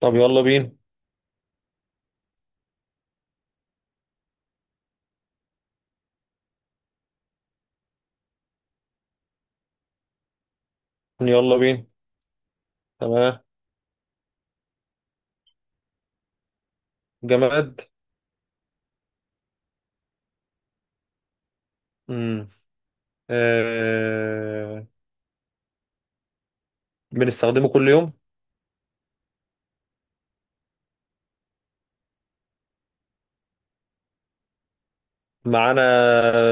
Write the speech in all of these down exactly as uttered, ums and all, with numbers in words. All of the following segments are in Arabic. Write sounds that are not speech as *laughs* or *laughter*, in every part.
طب يلا بينا. يلا بينا. تمام. جماد. امم آه... بنستخدمه كل يوم معانا.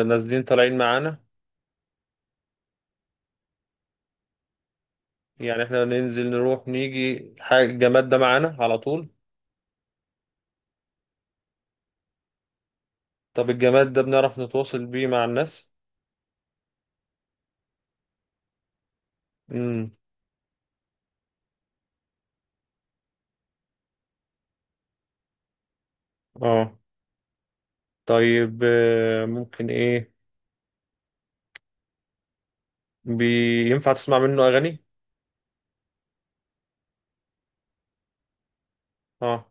نازلين طالعين معانا، يعني احنا ننزل نروح نيجي حاجة الجماد ده معانا على طول. طب الجماد ده بنعرف نتواصل بيه مع الناس؟ امم. اه. طيب آه... ممكن ايه. بي... ينفع تسمع منه اغاني؟ اه,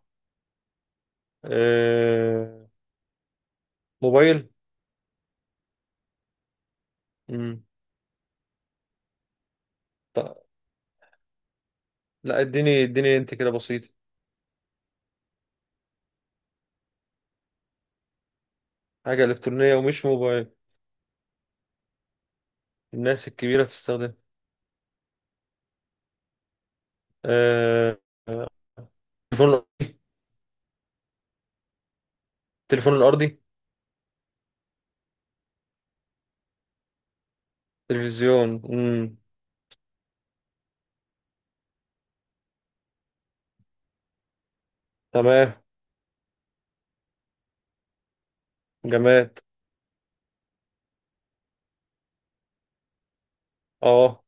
آه... موبايل. امم. ط... لا اديني اديني انت كده بسيط. حاجة إلكترونية ومش موبايل. الناس الكبيرة تستخدم. آه، آه، تليفون الأرضي. تليفون الأرضي. تلفزيون. مم. تمام. جماد. اه.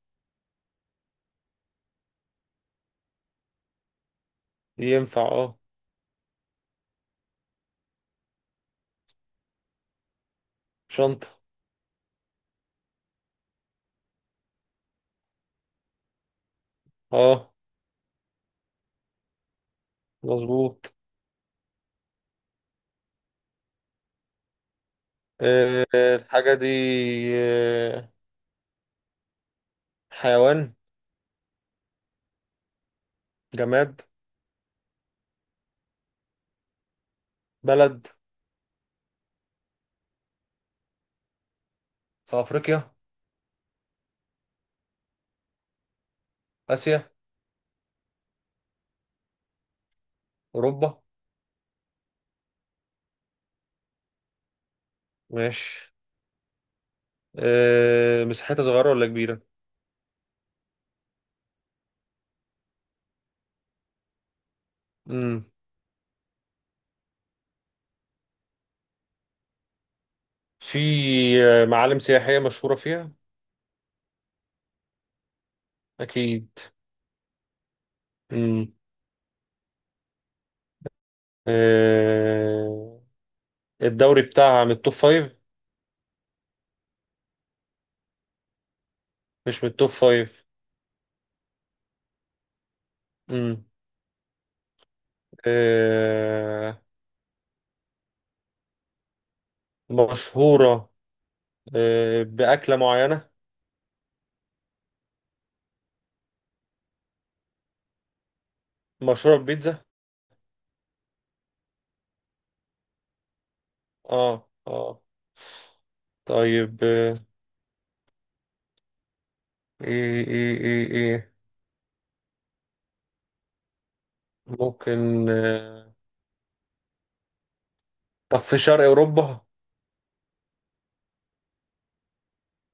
ينفع اه. شنطة. اه. مظبوط. آه، الحاجة دي آه، حيوان. جماد. بلد. في أفريقيا؟ آسيا؟ أوروبا؟ ماشي. آه، مساحتها صغيرة ولا كبيرة؟ مم. في آه، معالم سياحية مشهورة فيها؟ أكيد. مم. آه، الدوري بتاعها من التوب فايف؟ مش من التوب فايف. امم. آه. مشهورة آه بأكلة معينة؟ مشهورة ببيتزا. اه اه. طيب آه، ايه ايه ايه ايه. ممكن آه، طب في شرق أوروبا؟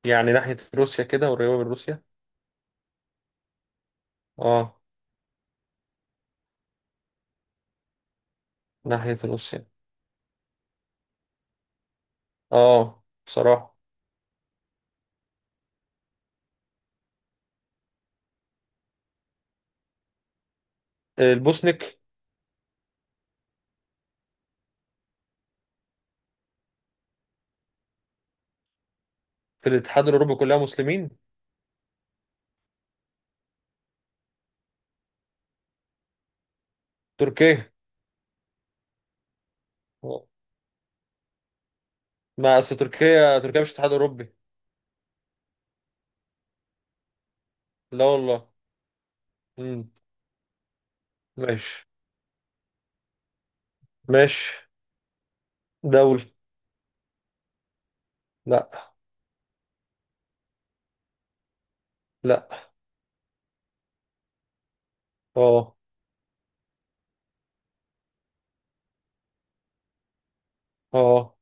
يعني ناحية روسيا كده قريبة من روسيا؟ اه. ناحية روسيا. اه بصراحة. آه، البوسنك؟ في الاتحاد الأوروبي كلها مسلمين؟ تركيا. آه، ما أصل تركيا تركيا مش اتحاد أوروبي. لا والله. مم. ماشي. ماشي. دولة. لا. لا. اه. اه.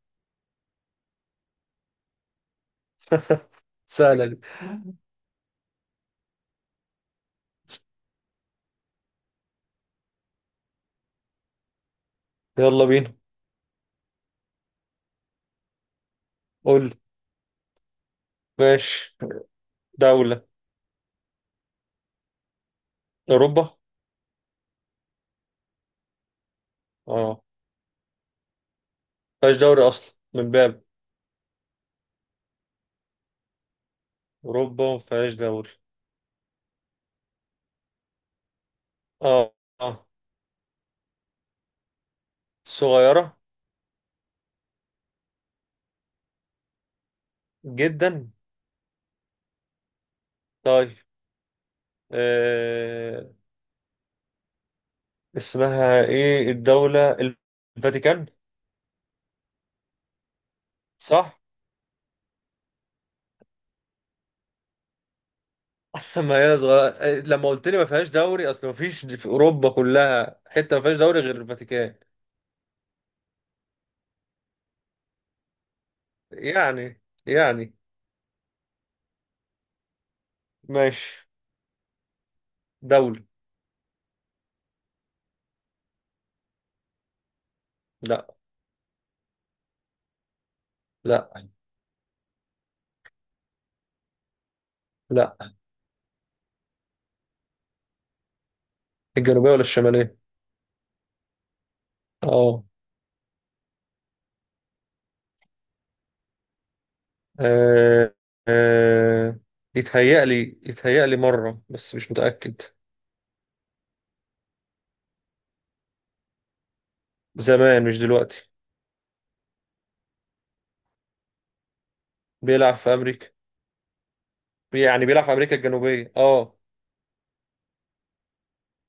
*laughs* سهلة دي. يلا بينا. قول لي. ماشي. دولة. أوروبا. اه. مفيهاش دوري أصلا من باب. أوروبا مفيهاش دوري. اه. اه. صغيرة جدا. طيب آه. اسمها ايه الدولة. الفاتيكان. صح؟ *laughs* ما هي صغيرة، آه، لما قلت لي ما فيهاش دوري اصل ما فيش في اوروبا كلها حتة ما فيهاش دوري غير الفاتيكان. يعني يعني. ماشي. دولة. لا. لا. لا. الجنوبية ولا الشمالية؟ اه. آه، آه، يتهيألي يتهيألي مرة بس مش متأكد. زمان مش دلوقتي. بيلعب في أمريكا. يعني بيلعب في أمريكا الجنوبية اه.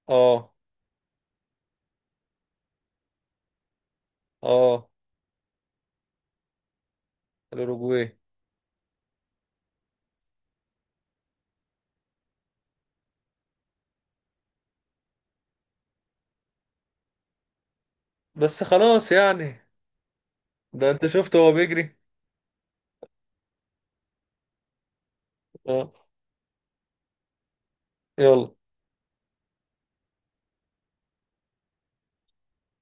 اه. اه. الأوروجواي. بس خلاص يعني. ده أنت شفت هو بيجري. اه. يلا.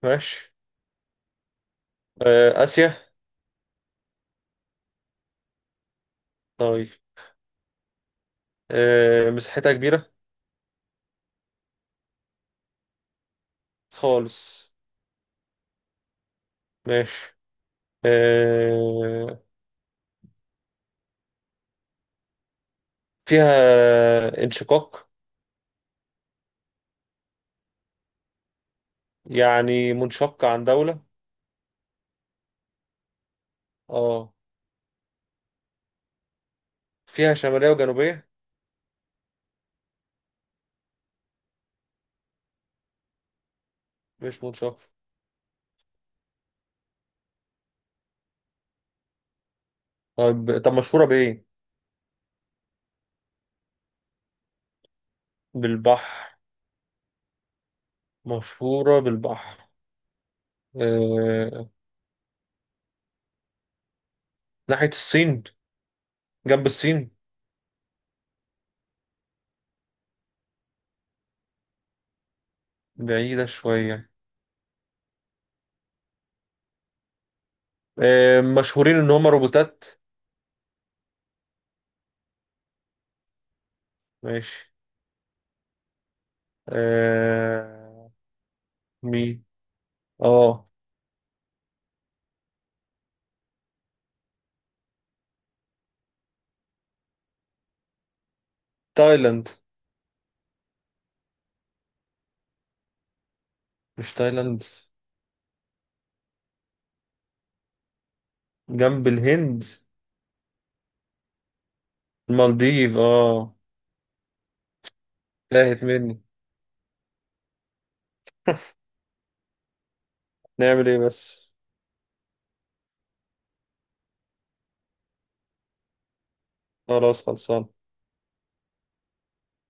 ماشي. آه، آسيا. طيب آه، مساحتها كبيرة؟ خالص. ماشي. آه فيها انشقاق؟ يعني منشقة عن دولة. اه. فيها شمالية وجنوبية. مش منشقة. طب طب مشهورة بإيه؟ بالبحر. مشهورة بالبحر. آه... ناحية الصين. جنب الصين. بعيدة شوية. آه... مشهورين إن هما روبوتات. ماشي. آه... مين؟ اه. تايلاند؟ مش تايلاند. جنب الهند. المالديف اه. تاهت مني. نعمل ايه بس. خلاص خلصان.